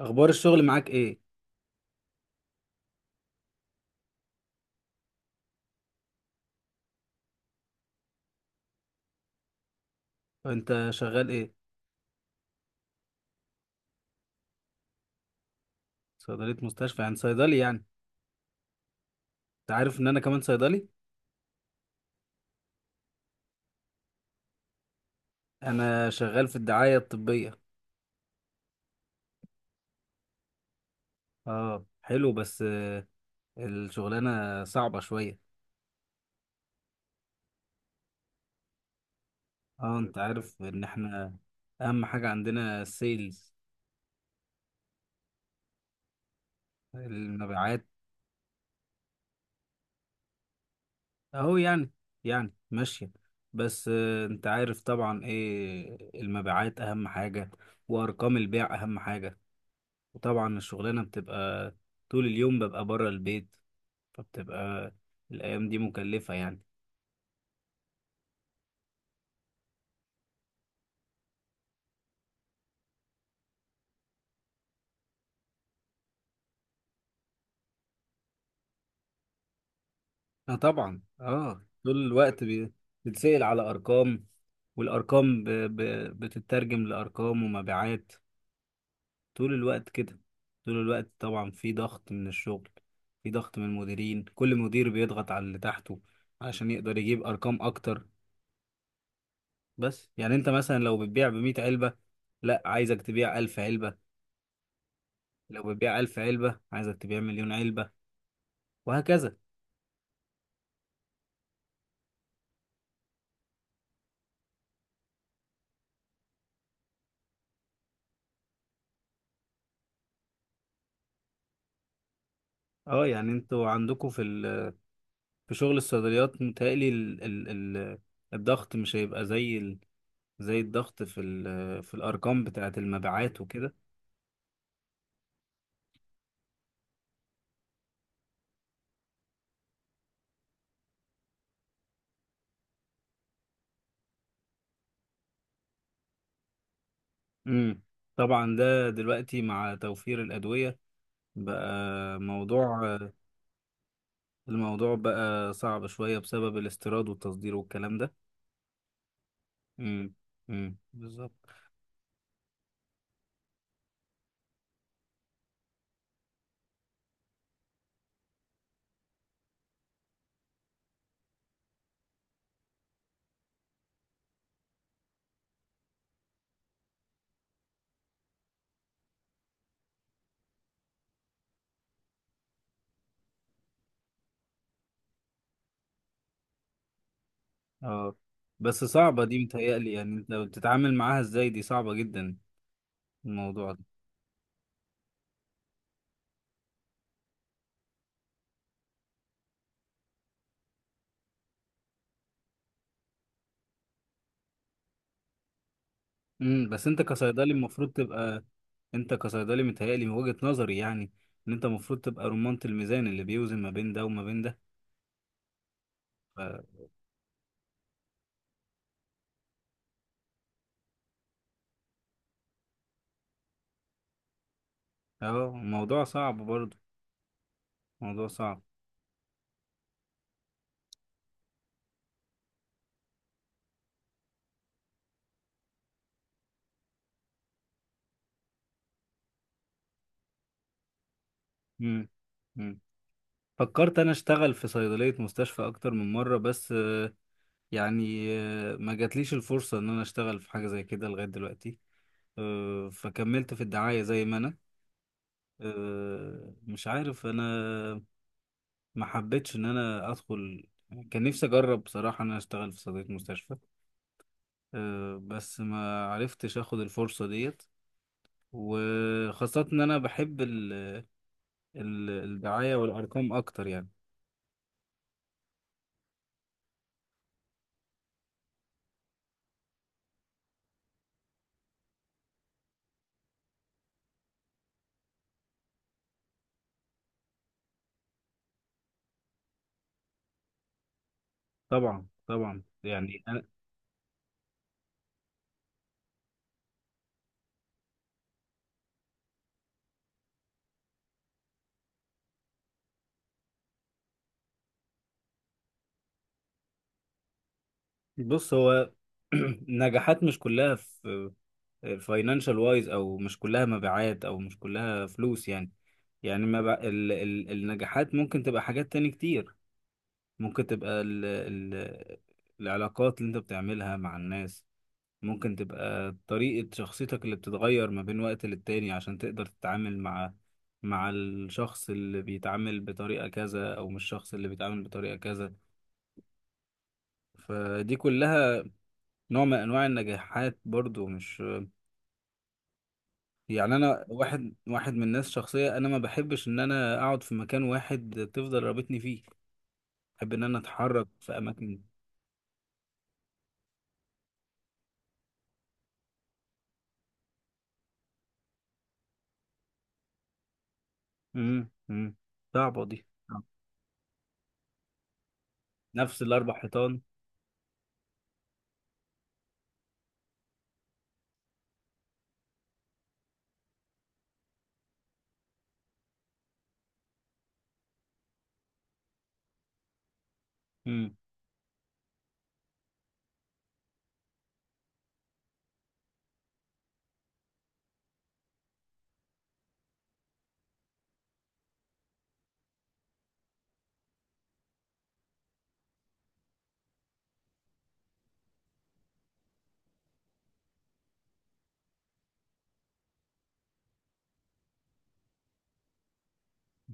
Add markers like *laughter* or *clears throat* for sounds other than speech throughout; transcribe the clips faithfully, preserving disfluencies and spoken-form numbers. اخبار الشغل معاك ايه؟ انت شغال ايه؟ صيدليه مستشفى، يعني صيدلي يعني؟ انت عارف ان انا كمان صيدلي. انا شغال في الدعايه الطبيه. اه، حلو بس آه، الشغلانه صعبه شويه. اه، انت عارف ان احنا اهم حاجه عندنا السيلز، المبيعات. اهو يعني، يعني ماشيه. بس آه، انت عارف طبعا ايه المبيعات اهم حاجه، وارقام البيع اهم حاجه. وطبعا الشغلانه بتبقى طول اليوم ببقى بره البيت، فبتبقى الأيام دي مكلفة يعني. اه طبعا، اه طول الوقت بي- بتسأل على أرقام. والأرقام ب... ب... بتترجم لأرقام ومبيعات طول الوقت كده. طول الوقت طبعا في ضغط من الشغل، في ضغط من المديرين، كل مدير بيضغط على اللي تحته علشان يقدر يجيب أرقام أكتر. بس يعني أنت مثلا لو بتبيع بمية علبة، لا عايزك تبيع ألف علبة. لو بتبيع ألف علبة عايزك تبيع مليون علبة، وهكذا. اه يعني انتوا عندكم في ال في شغل الصيدليات متهيألي ال ال ال الضغط مش هيبقى زي ال زي الضغط في ال في الأرقام بتاعة المبيعات وكده. امم طبعا ده دلوقتي مع توفير الأدوية بقى موضوع، الموضوع بقى صعب شوية بسبب الاستيراد والتصدير والكلام ده. امم، امم، بالظبط. اه بس صعبة دي، متهيألي يعني انت بتتعامل معاها ازاي؟ دي صعبة جدا الموضوع ده. امم، بس انت كصيدلي المفروض تبقى، انت كصيدلي متهيألي من وجهة نظري يعني ان انت المفروض تبقى رمانة الميزان اللي بيوزن ما بين ده وما بين ده. ف- اه، موضوع صعب برضه، موضوع صعب. امم. امم. فكرت انا اشتغل في صيدلية مستشفى اكتر من مرة بس آه، يعني آه، ما جاتليش الفرصة ان انا اشتغل في حاجة زي كده لغاية دلوقتي. آه، فكملت في الدعاية زي ما انا. آه، مش عارف انا ما حبيتش ان انا ادخل. كان نفسي اجرب بصراحة ان انا اشتغل في صيدلية مستشفى. أه، بس ما عرفتش اخد الفرصة ديت، وخاصة ان انا بحب ال... ال... الدعاية والارقام اكتر يعني. طبعا طبعا، يعني انا بص هو *clears throat* نجاحات مش كلها في فاينانشال وايز، او مش كلها مبيعات، او مش كلها فلوس يعني. يعني ما ب... ال... ال... النجاحات ممكن تبقى حاجات تاني كتير. ممكن تبقى ال ال العلاقات اللي انت بتعملها مع الناس. ممكن تبقى طريقة شخصيتك اللي بتتغير ما بين وقت للتاني عشان تقدر تتعامل مع مع الشخص اللي بيتعامل بطريقة كذا، أو مش الشخص اللي بيتعامل بطريقة كذا. فدي كلها نوع من أنواع النجاحات برضو، مش يعني. أنا واحد واحد من الناس، شخصية أنا ما بحبش إن أنا أقعد في مكان واحد تفضل رابطني فيه. بحب إن أنا أتحرك في أماكن. امم صعبة دي، نفس الاربع حيطان. امم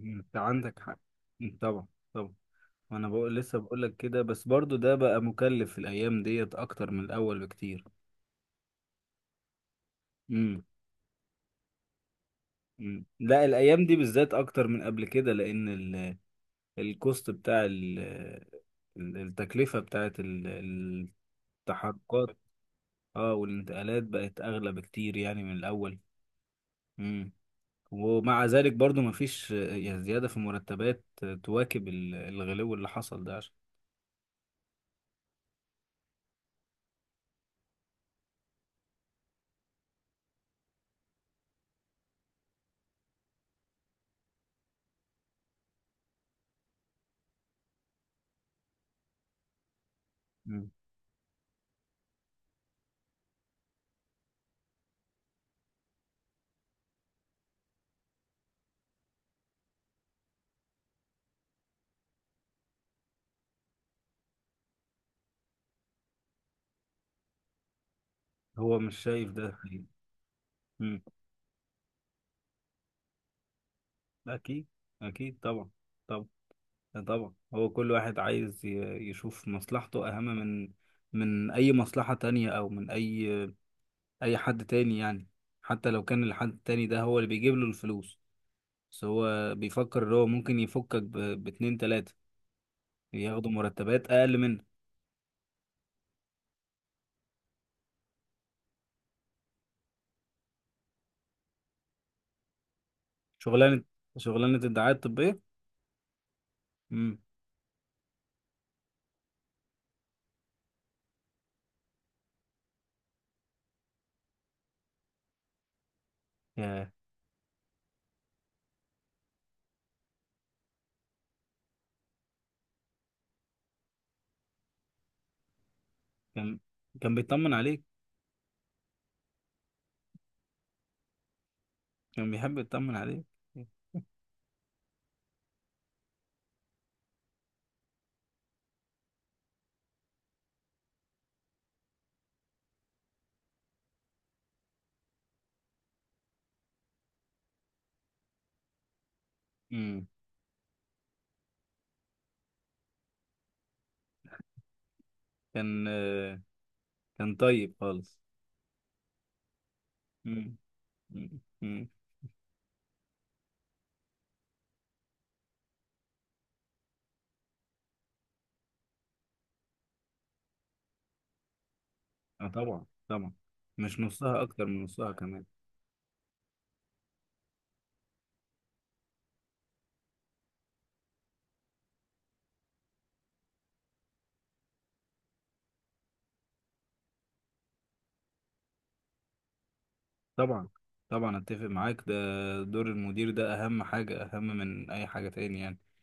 انت عندك حق. مم، طبعا. طبعا. وانا بقول لسه بقول لك كده، بس برضو ده بقى مكلف في الايام ديت اكتر من الاول بكتير. امم امم لا، الايام دي بالذات اكتر من قبل كده لان ال- الكوست بتاع ال- ال- التكلفة بتاعت ال- التحركات. اه، والانتقالات بقت اغلى بكتير يعني من الاول. امم. ومع ذلك برضو مفيش آه، يعني زيادة في مرتبات آه، تواكب ال- الغلو اللي حصل ده عشان. مم. هو مش شايف ده حقيقي. مم. أكيد، أكيد طبعا، طبعا. طبعا هو كل واحد عايز ي- يشوف مصلحته أهم من من أي مصلحة تانية أو من أي أي حد تاني يعني، حتى لو كان الحد التاني ده هو اللي بيجيب له الفلوس. بس هو بيفكر إن هو ممكن يفكك ب- باتنين تلاتة ياخدوا مرتبات أقل منه. شغلانة شغلانة الدعاية الطبية. مم. يا كان، كان بيطمن عليك. كان بيحب يطمن عليك. مم. كان كان طيب خالص. مم. مم. مم. اه طبعا طبعا، مش نصها اكتر من نصها كمان. طبعا، طبعا اتفق معاك ده، دور المدير ده اهم حاجة اهم من اي حاجة تاني يعني.